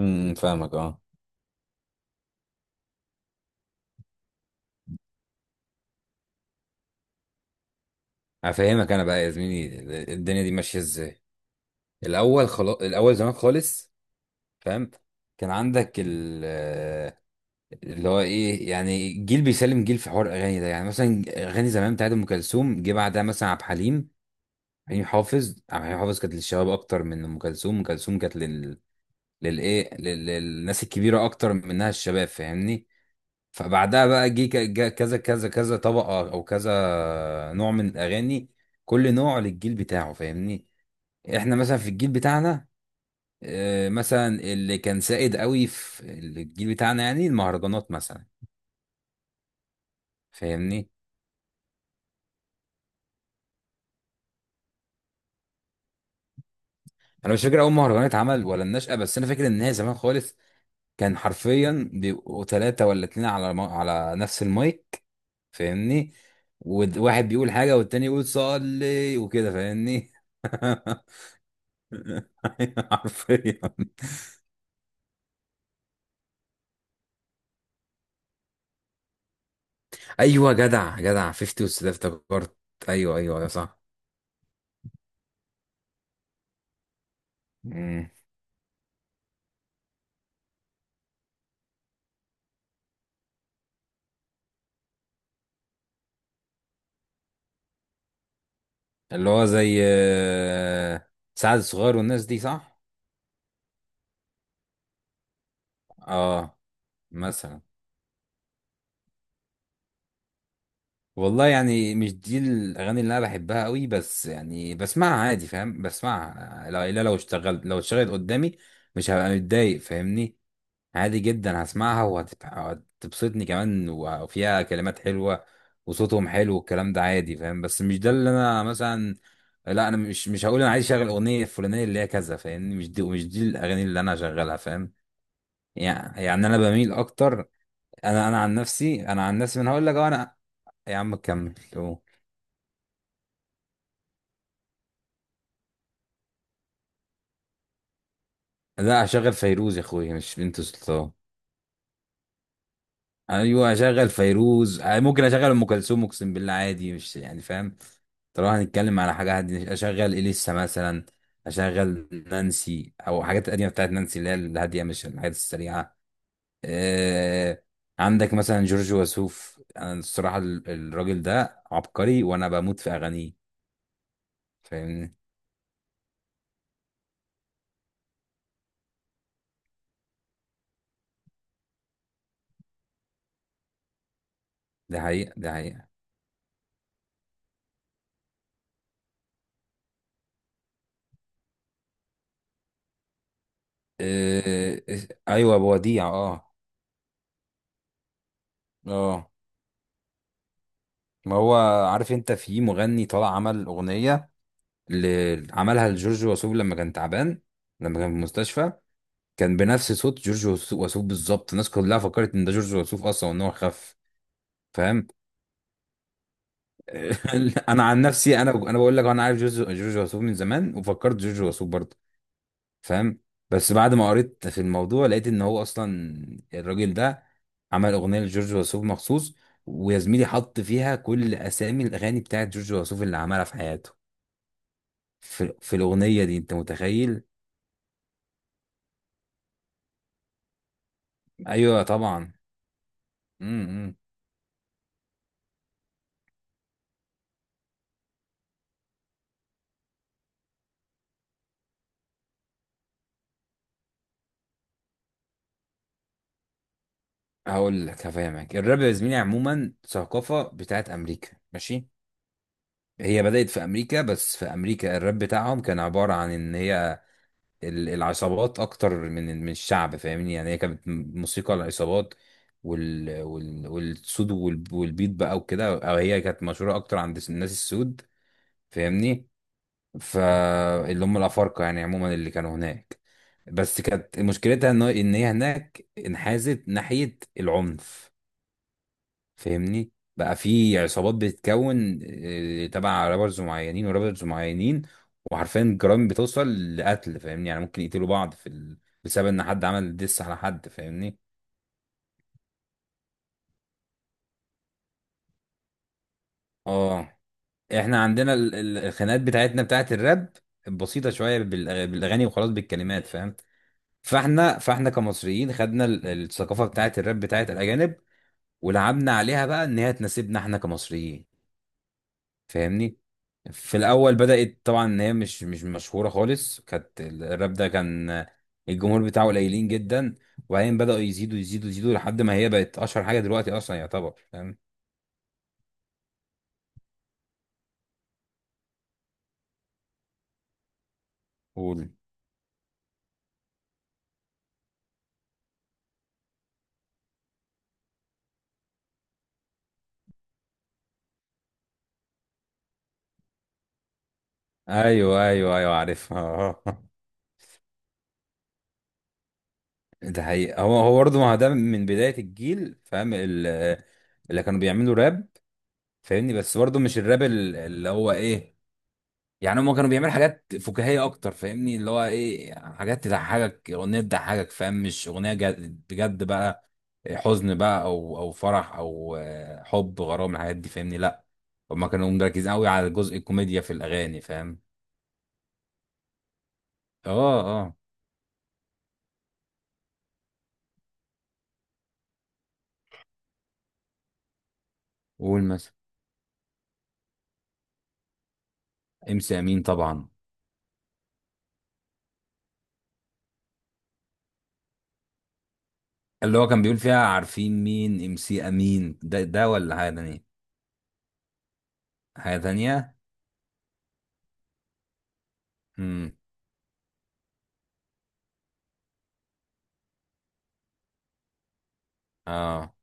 فاهمك اه. هفهمك انا بقى يا زميلي، الدنيا دي ماشيه ازاي. الاول، خلاص الاول زمان خالص، فاهم. كان عندك ال اللي هو ايه يعني جيل بيسلم جيل في حوار الاغاني ده. يعني مثلا اغاني زمان بتاعت ام كلثوم جه بعدها مثلا عبد الحليم. حليم حافظ عبد الحليم حافظ كانت للشباب اكتر من ام كلثوم. ام كلثوم كانت للناس الكبيره اكتر منها الشباب، فاهمني. فبعدها بقى جه كذا كذا كذا طبقة أو كذا نوع من الأغاني، كل نوع للجيل بتاعه، فاهمني. إحنا مثلا في الجيل بتاعنا، مثلا اللي كان سائد قوي في الجيل بتاعنا يعني المهرجانات مثلا، فاهمني. أنا مش فاكر أول مهرجان اتعمل ولا النشأة، بس أنا فاكر إن هي زمان خالص. كان حرفيا بيبقوا ثلاثة ولا اتنين على نفس المايك، فاهمني. وواحد بيقول حاجة والتاني يقول صلي وكده، فاهمني. حرفيا. ايوه، جدع 50 وست ده، افتكرت. ايوه ايوه ايوه صح. مم. اللي هو زي، سعد الصغير والناس دي، صح. اه مثلا. والله يعني مش دي الاغاني اللي انا بحبها قوي، بس يعني بسمعها عادي، فاهم. بسمعها، لا لو اشتغلت، لو اشتغلت قدامي مش هبقى متضايق، فاهمني. عادي جدا هسمعها وهتبسطني كمان، وفيها كلمات حلوة وصوتهم حلو والكلام ده عادي، فاهم. بس مش ده اللي انا مثلا. لا، انا مش هقول انا عايز اشغل اغنية الفلانية اللي هي كذا، فاهمني. مش دي الاغاني اللي انا هشغلها، فاهم. يعني انا بميل اكتر. انا عن نفسي، انا عن نفسي من هقول لك أهو انا. يا عم كمل أهو. لا هشغل فيروز يا اخويا، مش بنت سلطان. ايوه اشغل فيروز، ممكن اشغل ام كلثوم، اقسم بالله عادي، مش يعني، فاهم. طالما هنتكلم على حاجه هادية، اشغل اليسا مثلا. اشغل نانسي، او حاجات قديمه بتاعت نانسي اللي هي الهاديه، مش الحاجات السريعه. آه. عندك مثلا جورج وسوف، انا الصراحه الراجل ده عبقري وانا بموت في اغانيه، فاهمني. ده حقيقه، ده حقيقه. ايوه بوديع اه. اه. ما هو، عارف انت في مغني طلع عمل اغنيه، اللي عملها لجورج وسوف لما كان تعبان، لما كان في المستشفى. كان بنفس صوت وسوف بالظبط. الناس كلها فكرت ان ده جورج وسوف اصلا وان هو خف، فاهم. انا عن نفسي، انا بقول لك انا عارف جورج وسوف من زمان وفكرت جورج وسوف برضه، فاهم. بس بعد ما قريت في الموضوع لقيت ان هو اصلا، الراجل ده، عمل اغنيه لجورج وسوف مخصوص، ويا زميلي حط فيها كل اسامي الاغاني بتاعت جورج وسوف اللي عملها في حياته. في الاغنيه دي، انت متخيل؟ ايوه طبعا. امم. هقول لك، هفهمك. الراب يا زميلي عموما ثقافة بتاعت أمريكا، ماشي. هي بدأت في أمريكا، بس في أمريكا الراب بتاعهم كان عبارة عن إن هي العصابات أكتر من الشعب، فاهمني. يعني هي كانت موسيقى العصابات وال وال والسود والبيت بقى وكده، أو هي كانت مشهورة أكتر عند الناس السود، فاهمني. فاللي هم الأفارقة يعني عموما اللي كانوا هناك. بس كانت مشكلتها إن هي هناك انحازت ناحية العنف، فاهمني. بقى في عصابات بتتكون، تبع رابرز معينين ورابرز معينين. وحرفيا الجرائم بتوصل لقتل، فاهمني. يعني ممكن يقتلوا بعض في ال... بسبب ان حد عمل ديس على حد، فاهمني. اه. احنا عندنا الخناقات بتاعتنا بتاعت الراب بسيطة شوية بالاغاني وخلاص، بالكلمات، فاهم. فاحنا كمصريين خدنا الثقافة بتاعت الراب بتاعت الاجانب، ولعبنا عليها بقى ان هي تناسبنا احنا كمصريين، فاهمني. في الاول بدات طبعا ان هي مش مشهوره خالص، كانت الراب ده كان الجمهور بتاعه قليلين جدا، وبعدين بداوا يزيدوا يزيدوا لحد ما هي بقت اشهر حاجه دلوقتي اصلا يعتبر، فاهم. قول. ايوه ايوه ايوه عارفها. ده حقيقي. هو برضه، ما هو ده من بدايه الجيل، فاهم، اللي كانوا بيعملوا راب، فاهمني. بس برضه مش الراب اللي هو ايه، يعني هم كانوا بيعملوا حاجات فكاهيه اكتر، فاهمني. اللي هو ايه، يعني حاجات تضحكك، اغنيه تضحكك، فاهم، مش اغنيه جد بجد بقى، حزن بقى او او فرح او حب غرام، الحاجات دي، فاهمني. لا، هم كانوا مركزين قوي على جزء الكوميديا في الاغاني، فاهم. اه اه. قول مثلا. ام سي امين طبعا. اللي هو كان بيقول فيها عارفين مين ام سي امين ده، ده ولا حاجه تانية؟ حاجه تانية. امم. اه.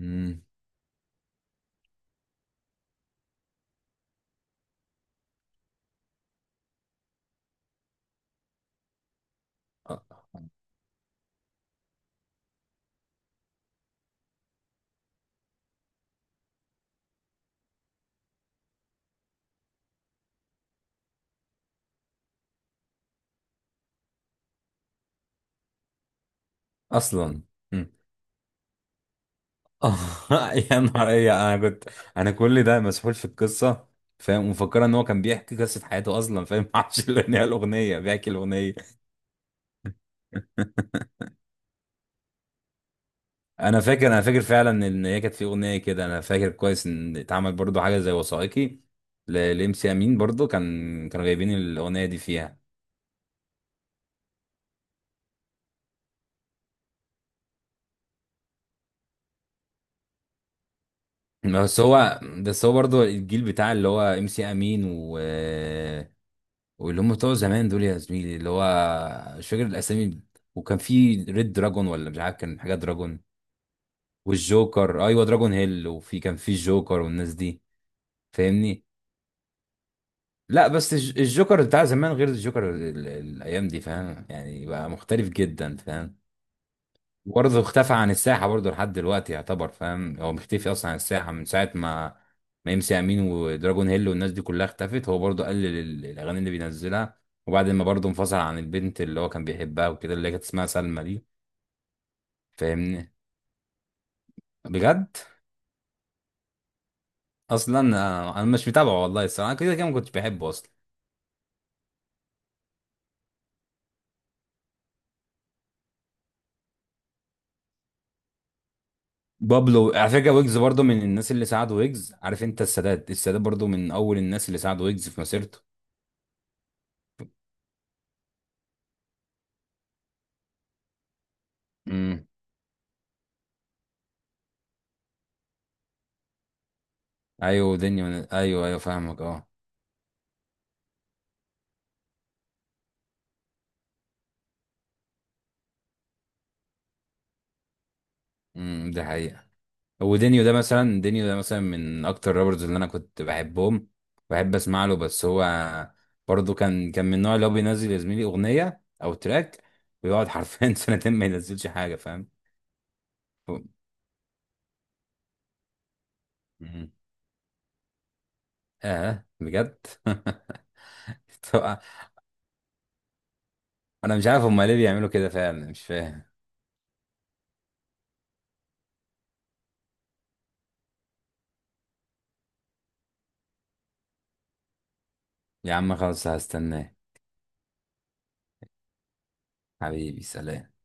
امم. اصلا اه. يا نهار ايه، انا كنت، انا كل ده مسحول في القصه، فاهم، ومفكره ان هو كان بيحكي قصه حياته اصلا، فاهم. ما اعرفش ان هي الاغنيه، بيحكي الاغنيه. انا فاكر فعلا ان هي كانت في اغنيه كده، انا فاكر كويس ان اتعمل برضو حاجه زي وثائقي لام سي امين برضو، كان كانوا جايبين الاغنيه دي فيها. بس هو برضو الجيل بتاع اللي هو ام سي امين، و واللي هم بتوع زمان دول يا زميلي، اللي هو، مش فاكر الاسامي. وكان في ريد دراجون ولا مش عارف، كان حاجه دراجون. والجوكر، ايوه دراجون هيل، وفي كان في الجوكر والناس دي، فاهمني. لا بس الجوكر بتاع زمان غير الجوكر الايام دي، فاهم. يعني بقى مختلف جدا، فاهم. برضه اختفى عن الساحة، برضه لحد دلوقتي يعتبر، فاهم، هو مختفي أصلا عن الساحة من ساعة ما ام سي أمين ودراجون هيل والناس دي كلها اختفت. هو برضه قلل الأغاني اللي بينزلها، وبعد ما برضه انفصل عن البنت اللي هو كان بيحبها وكده، اللي هي كانت اسمها سلمى دي، فاهمني. بجد. أصلا أنا مش متابعه، والله الصراحة أنا كده كده ما كنتش بحبه أصلا. بابلو على فكرة، ويجز برضه من الناس اللي ساعدوا ويجز. عارف أنت السادات، السادات برضه من أول الناس اللي ساعدوا ويجز في مسيرته. امم. أيوه دنيا، أيوه أيوه فاهمك أه. امم، دي حقيقة. ودينيو ده مثلا، دينيو ده مثلا من اكتر رابرز اللي انا كنت بحبهم، بحب اسمع له. بس هو برضه، كان من النوع اللي هو بينزل يا زميلي اغنيه او تراك، ويقعد حرفيا سنتين ما ينزلش حاجه، فاهم. ف- مم. اه بجد. طب انا مش عارف هما ليه بيعملوا كده فعلا، مش فاهم. يا عم خلاص هستناه. حبيبي سلام.